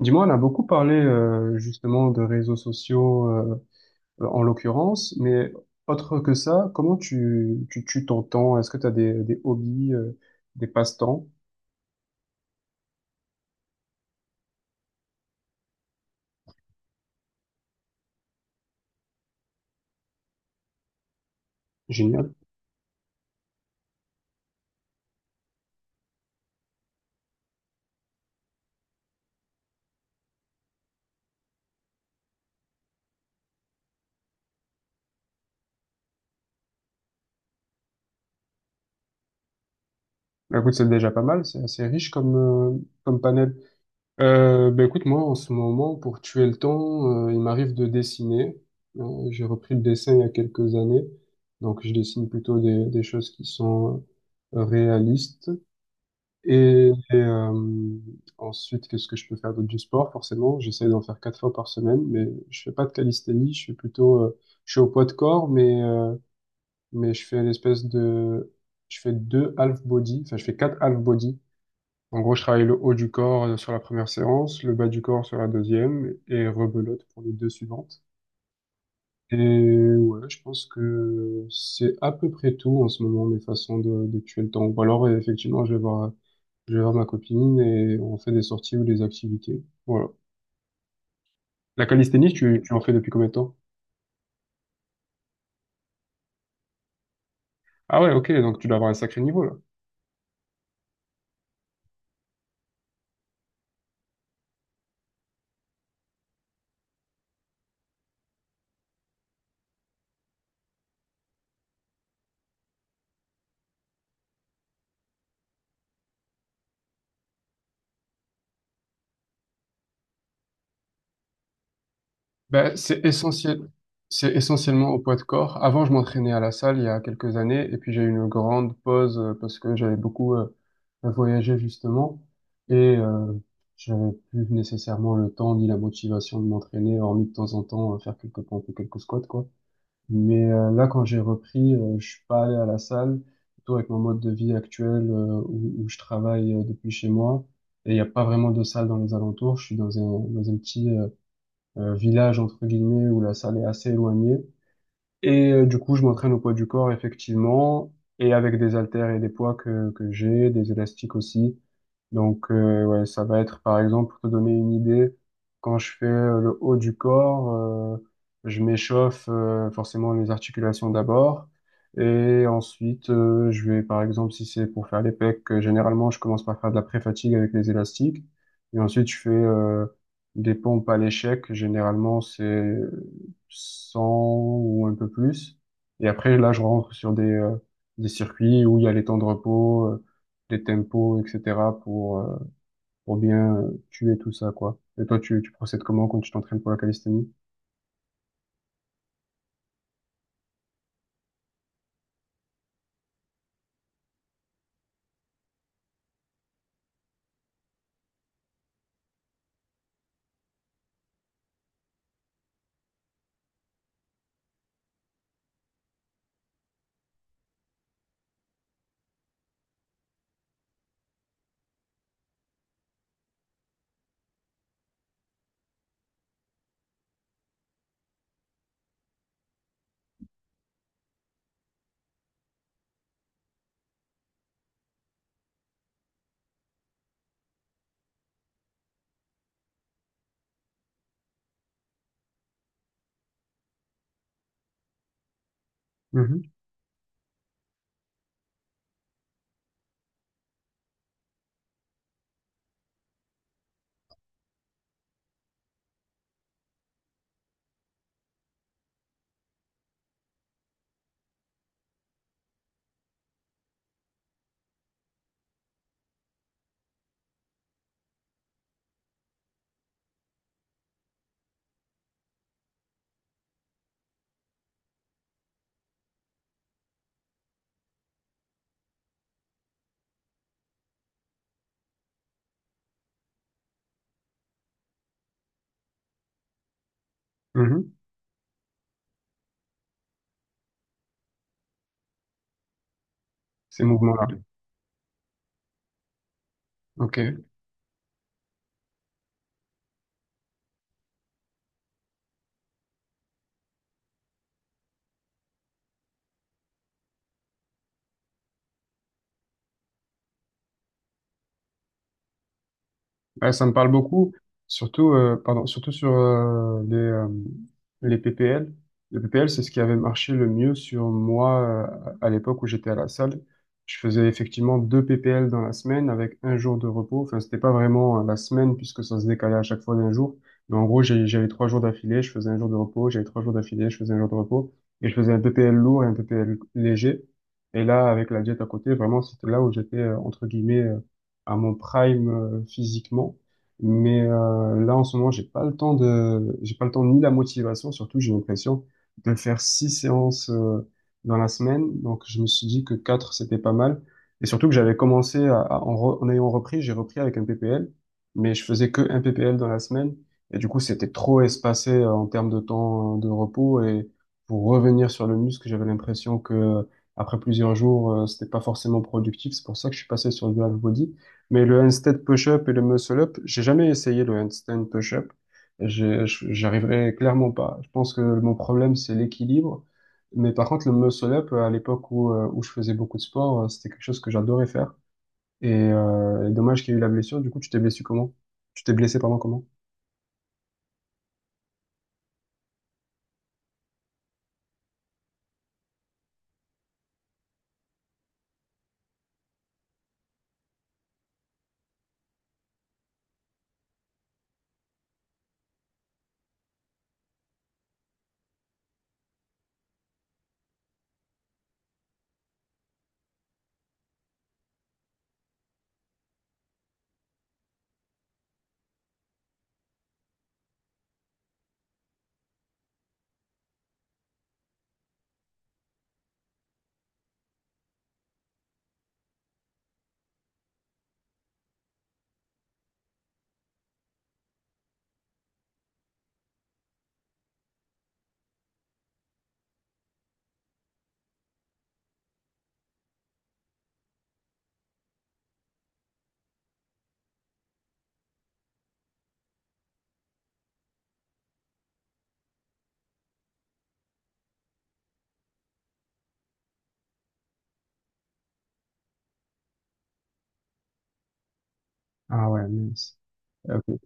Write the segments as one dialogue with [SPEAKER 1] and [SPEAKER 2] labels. [SPEAKER 1] Dis-moi, on a beaucoup parlé justement de réseaux sociaux, en l'occurrence, mais autre que ça, comment tu tues ton temps? Est-ce que tu as des hobbies, des passe-temps? Génial. Bah, écoute, c'est déjà pas mal, c'est assez riche comme comme panel. Bah, écoute, moi en ce moment, pour tuer le temps, il m'arrive de dessiner. J'ai repris le dessin il y a quelques années, donc je dessine plutôt des choses qui sont réalistes. Et ensuite, qu'est-ce que je peux faire d'autre du sport? Forcément, j'essaie d'en faire quatre fois par semaine, mais je fais pas de calisthénie. Je suis plutôt, je suis au poids de corps, mais je fais une espèce de, je fais deux half body, enfin je fais quatre half body. En gros, je travaille le haut du corps sur la première séance, le bas du corps sur la deuxième, et rebelote pour les deux suivantes. Et ouais, je pense que c'est à peu près tout en ce moment mes façons de tuer le temps. Ou alors, effectivement, je vais voir ma copine et on fait des sorties ou des activités. Voilà. La calisthénie, tu en fais depuis combien de temps? Ah ouais, ok, donc tu dois avoir un sacré niveau là. Ben, c'est essentiellement au poids de corps. Avant, je m'entraînais à la salle il y a quelques années et puis j'ai eu une grande pause parce que j'avais beaucoup voyagé justement et j'avais plus nécessairement le temps ni la motivation de m'entraîner, hormis de temps en temps faire quelques pompes ou quelques squats quoi. Mais là, quand j'ai repris, je suis pas allé à la salle, plutôt avec mon mode de vie actuel où je travaille depuis chez moi. Et il n'y a pas vraiment de salle dans les alentours. Je suis dans un petit village, entre guillemets, où la salle est assez éloignée. Et du coup, je m'entraîne au poids du corps, effectivement, et avec des haltères et des poids que j'ai, des élastiques aussi. Donc, ouais, ça va être, par exemple, pour te donner une idée, quand je fais le haut du corps, je m'échauffe forcément les articulations d'abord. Et ensuite, je vais, par exemple, si c'est pour faire les pecs, généralement, je commence par faire de la pré-fatigue avec les élastiques. Et ensuite, je fais des pompes à l'échec. Généralement, c'est 100 ou un peu plus. Et après, là, je rentre sur des des circuits où il y a les temps de repos, les tempos, etc. Pour bien tuer tout ça, quoi. Et toi, tu procèdes comment quand tu t'entraînes pour la calisthénie? Mhm. Mhm. Ces mouvements-là. Ok. Ouais, ça me parle beaucoup, surtout, pardon, surtout sur les PPL. Les PPL, c'est ce qui avait marché le mieux sur moi à l'époque où j'étais à la salle. Je faisais effectivement deux PPL dans la semaine avec un jour de repos. Enfin, c'était pas vraiment la semaine puisque ça se décalait à chaque fois d'un jour. Mais en gros, j'avais 3 jours d'affilée, je faisais un jour de repos, j'avais 3 jours d'affilée, je faisais un jour de repos. Et je faisais un PPL lourd et un PPL léger. Et là, avec la diète à côté, vraiment, c'était là où j'étais, entre guillemets, à mon prime physiquement. Mais là, en ce moment, j'ai pas le temps ni la motivation, surtout j'ai l'impression de faire six séances dans la semaine. Donc, je me suis dit que quatre, c'était pas mal. Et surtout que j'avais commencé en ayant repris, j'ai repris avec un PPL, mais je faisais que un PPL dans la semaine. Et du coup, c'était trop espacé en termes de temps de repos. Et pour revenir sur le muscle, j'avais l'impression que après plusieurs jours, c'était pas forcément productif. C'est pour ça que je suis passé sur du half body. Mais le handstand push-up et le muscle-up, j'ai jamais essayé le handstand push-up. J'arriverai clairement pas. Je pense que mon problème, c'est l'équilibre. Mais par contre, le muscle-up, à l'époque où je faisais beaucoup de sport, c'était quelque chose que j'adorais faire. Et dommage qu'il y ait eu la blessure. Du coup, tu t'es blessé comment? Tu t'es blessé, pardon, comment? Ah ouais, mince. Ok.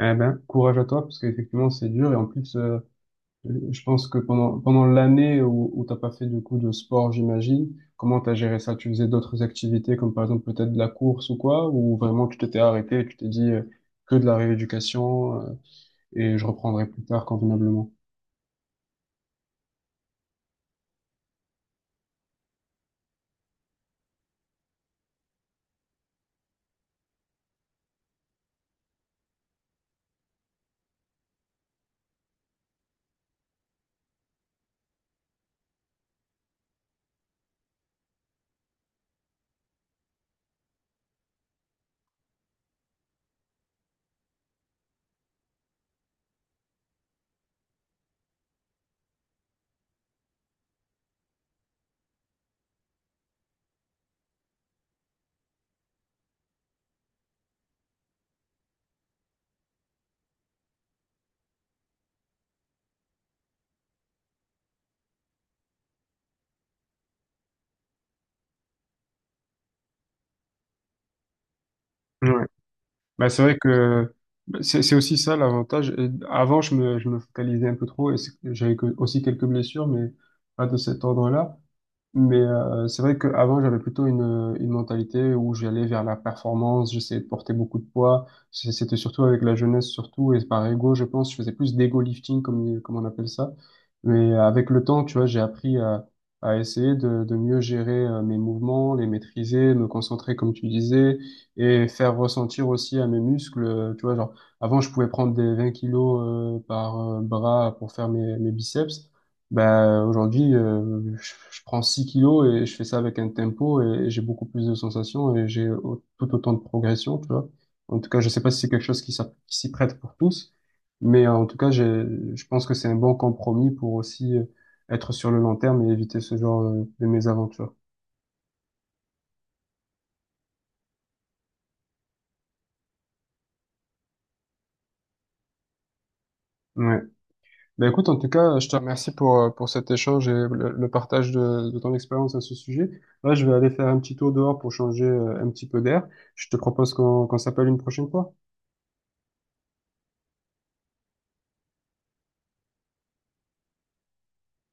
[SPEAKER 1] Eh ben, courage à toi, parce qu'effectivement, c'est dur. Et en plus, je pense que pendant l'année où t'as pas fait du coup de sport, j'imagine, comment t'as géré ça? Tu faisais d'autres activités comme par exemple peut-être de la course ou quoi? Ou vraiment tu t'étais arrêté et tu t'es dit que de la rééducation et je reprendrai plus tard convenablement? Ouais. Bah, c'est vrai que bah, c'est aussi ça l'avantage. Avant, je me focalisais un peu trop et aussi quelques blessures, mais pas de cet ordre-là. Mais c'est vrai qu'avant, j'avais plutôt une mentalité où j'allais vers la performance, j'essayais de porter beaucoup de poids. C'était surtout avec la jeunesse, surtout, et par ego, je pense, je faisais plus d'ego lifting, comme on appelle ça. Mais avec le temps, tu vois, j'ai appris à essayer de mieux gérer mes mouvements, les maîtriser, me concentrer, comme tu disais, et faire ressentir aussi à mes muscles, tu vois, genre, avant, je pouvais prendre des 20 kilos par bras pour faire mes biceps. Ben, aujourd'hui, je prends 6 kilos et je fais ça avec un tempo et j'ai beaucoup plus de sensations et j'ai tout autant de progression, tu vois. En tout cas, je sais pas si c'est quelque chose qui s'y prête pour tous, mais en tout cas, je pense que c'est un bon compromis pour aussi être sur le long terme et éviter ce genre de mésaventures. Ouais. Ben écoute, en tout cas, je te remercie pour cet échange et le partage de ton expérience à ce sujet. Là, je vais aller faire un petit tour dehors pour changer un petit peu d'air. Je te propose qu'on s'appelle une prochaine fois.